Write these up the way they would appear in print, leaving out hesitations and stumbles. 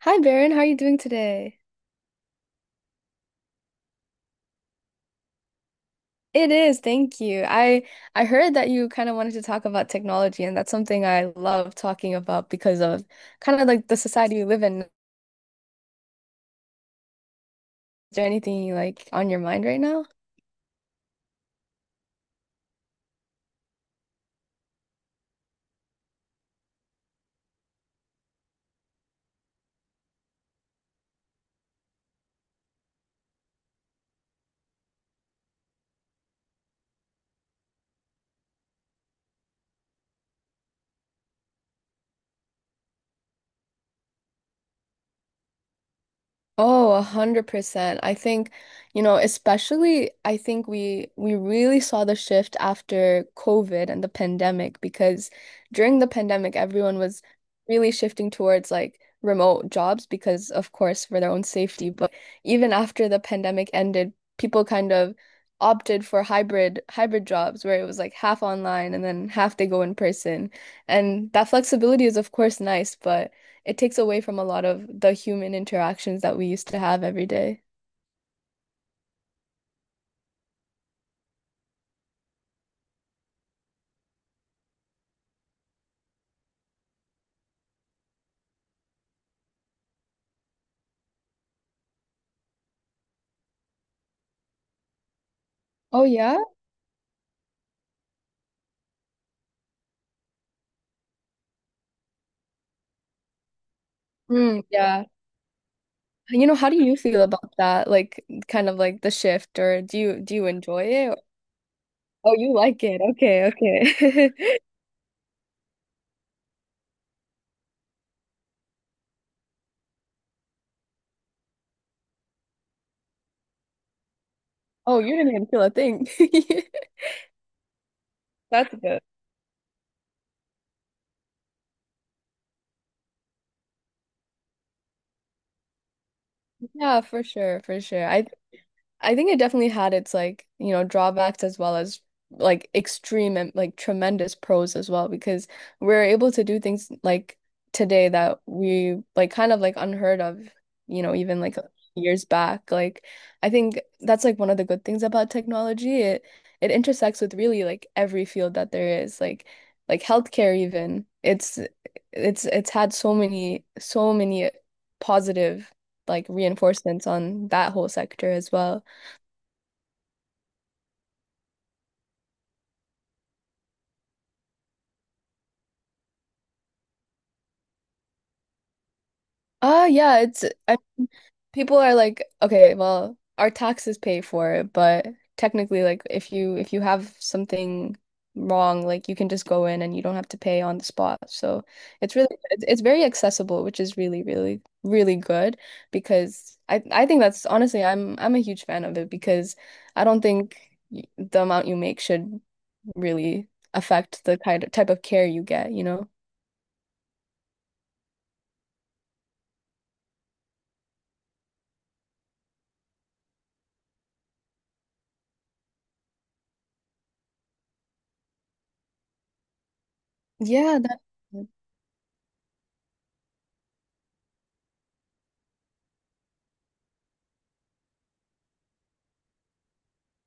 Hi Baron, how are you doing today? It is, thank you. I heard that you kind of wanted to talk about technology, and that's something I love talking. Oh, 100%. I think, you know, especially I think we really saw the shift after COVID and the pandemic because during the pandemic everyone was really shifting towards like remote jobs because of course for their own safety. But even after the pandemic ended, people kind of opted for hybrid jobs where it was like half online and then half they go in person. And that flexibility is of course nice, but it takes away from a lot of the human interactions that we used to have every day. Oh yeah? Mm, yeah. You know, how do you feel about that? Like kind of like the shift or do you enjoy it? Oh, you like it. Okay, okay. Oh, you didn't even feel a thing. That's good. Yeah, for sure, for sure. I think it definitely had its like, you know, drawbacks as well as like extreme and like tremendous pros as well because we're able to do things like today that we like kind of like unheard of, you know, even like years back. Like I think that's like one of the good things about technology. It intersects with really like every field that there is, like healthcare even. It's it's had so many positive like reinforcements on that whole sector as well. Ah, yeah, it's I, people are like, okay, well, our taxes pay for it, but technically, like, if you have something wrong, like, you can just go in and you don't have to pay on the spot. So it's really it's very accessible, which is really, really, really good because I think that's honestly, I'm a huge fan of it because I don't think the amount you make should really affect the kind of type of care you get, you know? Yeah, that.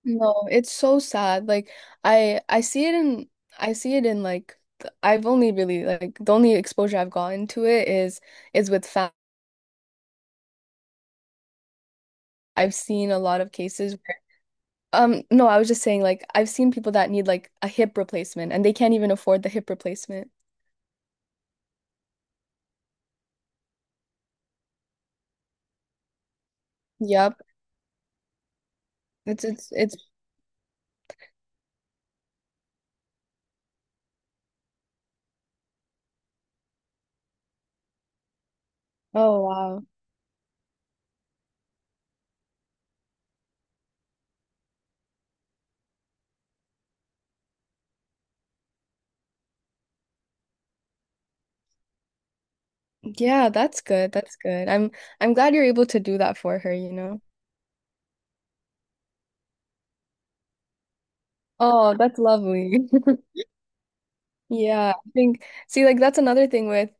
No, it's so sad. Like I see it in I see it in like I've only really like the only exposure I've gotten to it is with fat. I've seen a lot of cases where, no, I was just saying like I've seen people that need like a hip replacement and they can't even afford the hip replacement. Yep. It's oh wow. Yeah, that's good. That's good. I'm glad you're able to do that for her, you know. Oh, that's lovely. Yeah, I think see like that's another thing with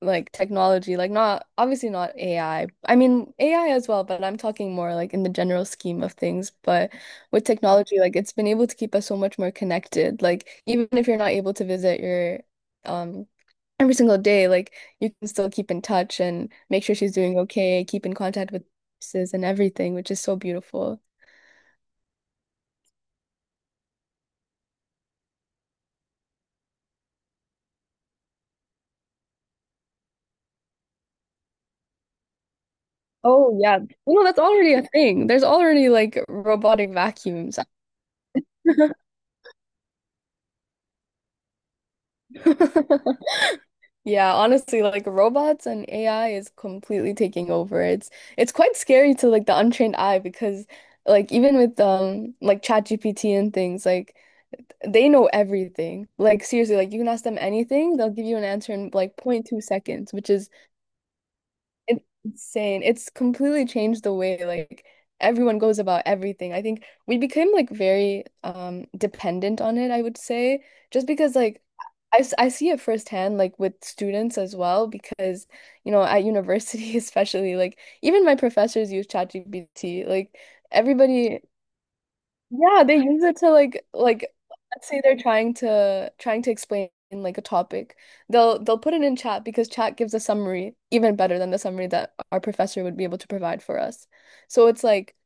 like technology, like not obviously not AI. I mean AI as well, but I'm talking more like in the general scheme of things. But with technology, like it's been able to keep us so much more connected. Like even if you're not able to visit your um every single day, like you can still keep in touch and make sure she's doing okay, keep in contact with nurses and everything, which is so beautiful. Oh yeah. No, that's already a thing. There's already like robotic vacuums. Yeah, honestly, like robots and AI is completely taking over. It's quite scary to like the untrained eye because like even with like ChatGPT and things, like they know everything. Like seriously, like you can ask them anything, they'll give you an answer in like point 0.2 seconds, which is it's insane. It's completely changed the way like everyone goes about everything. I think we became like very dependent on it, I would say, just because like I see it firsthand like with students as well because you know at university especially like even my professors use ChatGPT. Like everybody yeah, they use it to like let's say they're trying to explain like a topic. They'll put it in chat because chat gives a summary even better than the summary that our professor would be able to provide for us. So it's like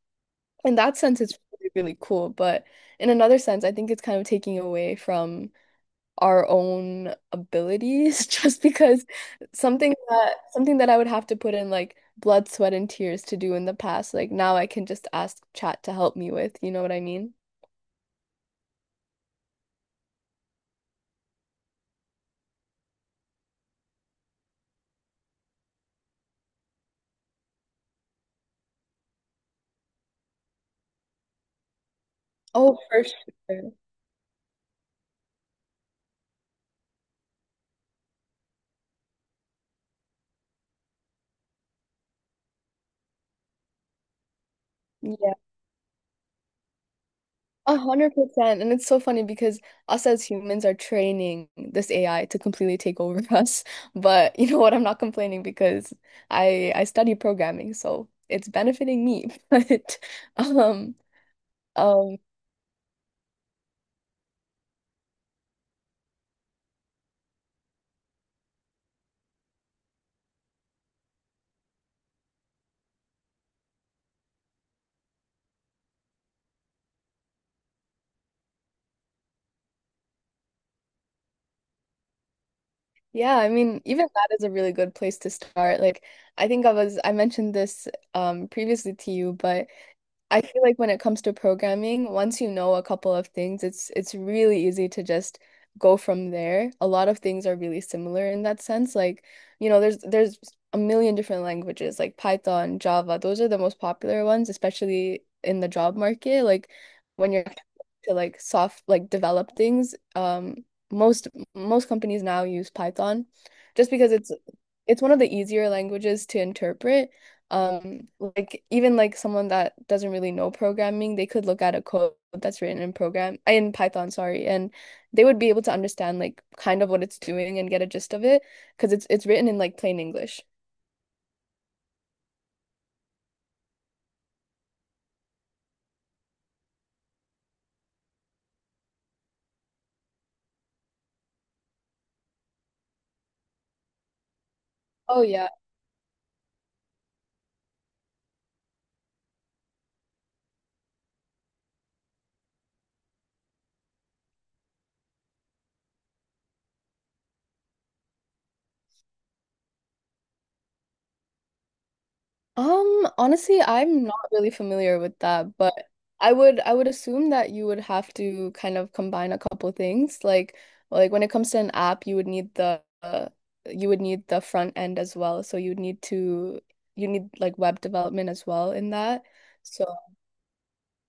in that sense it's really, really cool, but in another sense I think it's kind of taking away from our own abilities just because something that I would have to put in like blood, sweat, and tears to do in the past, like now I can just ask chat to help me with, you know what I mean? Oh, for sure. Yeah, 100%. And it's so funny because us as humans are training this AI to completely take over us. But you know what? I'm not complaining because I study programming, so it's benefiting me. But um um, yeah, I mean, even that is a really good place to start. Like I think I mentioned this previously to you, but I feel like when it comes to programming, once you know a couple of things, it's really easy to just go from there. A lot of things are really similar in that sense. Like, you know, there's a million different languages like Python, Java. Those are the most popular ones, especially in the job market. Like when you're to like soft like develop things, most most companies now use Python just because it's one of the easier languages to interpret, like even like someone that doesn't really know programming, they could look at a code that's written in program in Python, sorry, and they would be able to understand like kind of what it's doing and get a gist of it because it's written in like plain English. Oh yeah. Honestly, I'm not really familiar with that, but I would assume that you would have to kind of combine a couple things. Like when it comes to an app, you would need the you would need the front end as well. So you'd need to you need like web development as well in that. So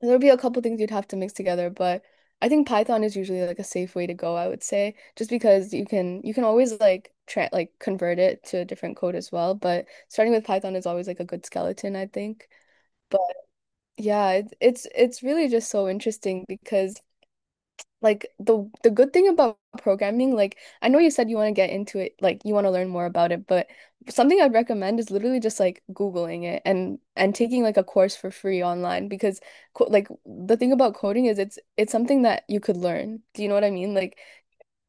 there will be a couple things you'd have to mix together, but I think Python is usually like a safe way to go, I would say, just because you can always like convert it to a different code as well, but starting with Python is always like a good skeleton, I think. But yeah, it, it's really just so interesting because like the good thing about programming, like I know you said you want to get into it, like you want to learn more about it, but something I'd recommend is literally just like Googling it and taking like a course for free online because co like the thing about coding is it's something that you could learn. Do you know what I mean? Like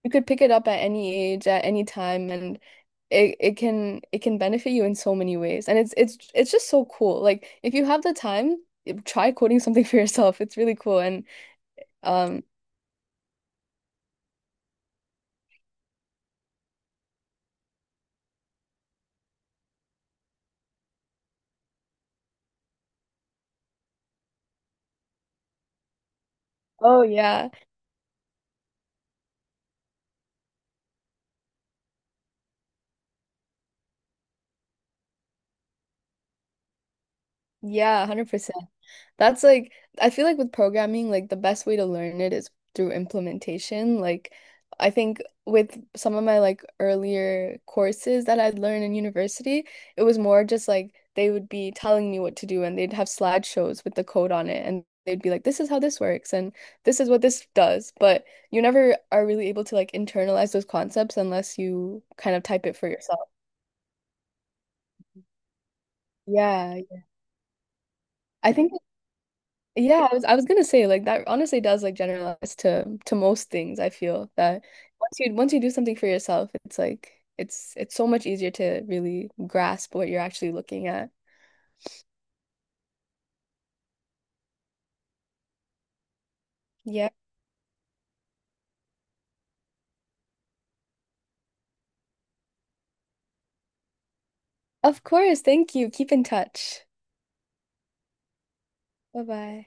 you could pick it up at any age, at any time, and it can benefit you in so many ways. And it's just so cool. Like if you have the time, try coding something for yourself. It's really cool and um. Oh yeah. Yeah, 100%. That's like, I feel like with programming, like the best way to learn it is through implementation. Like, I think with some of my like earlier courses that I'd learned in university, it was more just like they would be telling me what to do and they'd have slideshows with the code on it and they'd be like, this is how this works and this is what this does. But you never are really able to like internalize those concepts unless you kind of type it for yourself. Yeah. Yeah. I think yeah, I was gonna say like that honestly does like generalize to most things. I feel that once you do something for yourself, it's like it's so much easier to really grasp what you're actually looking at. Yeah. Of course. Thank you. Keep in touch. Bye bye.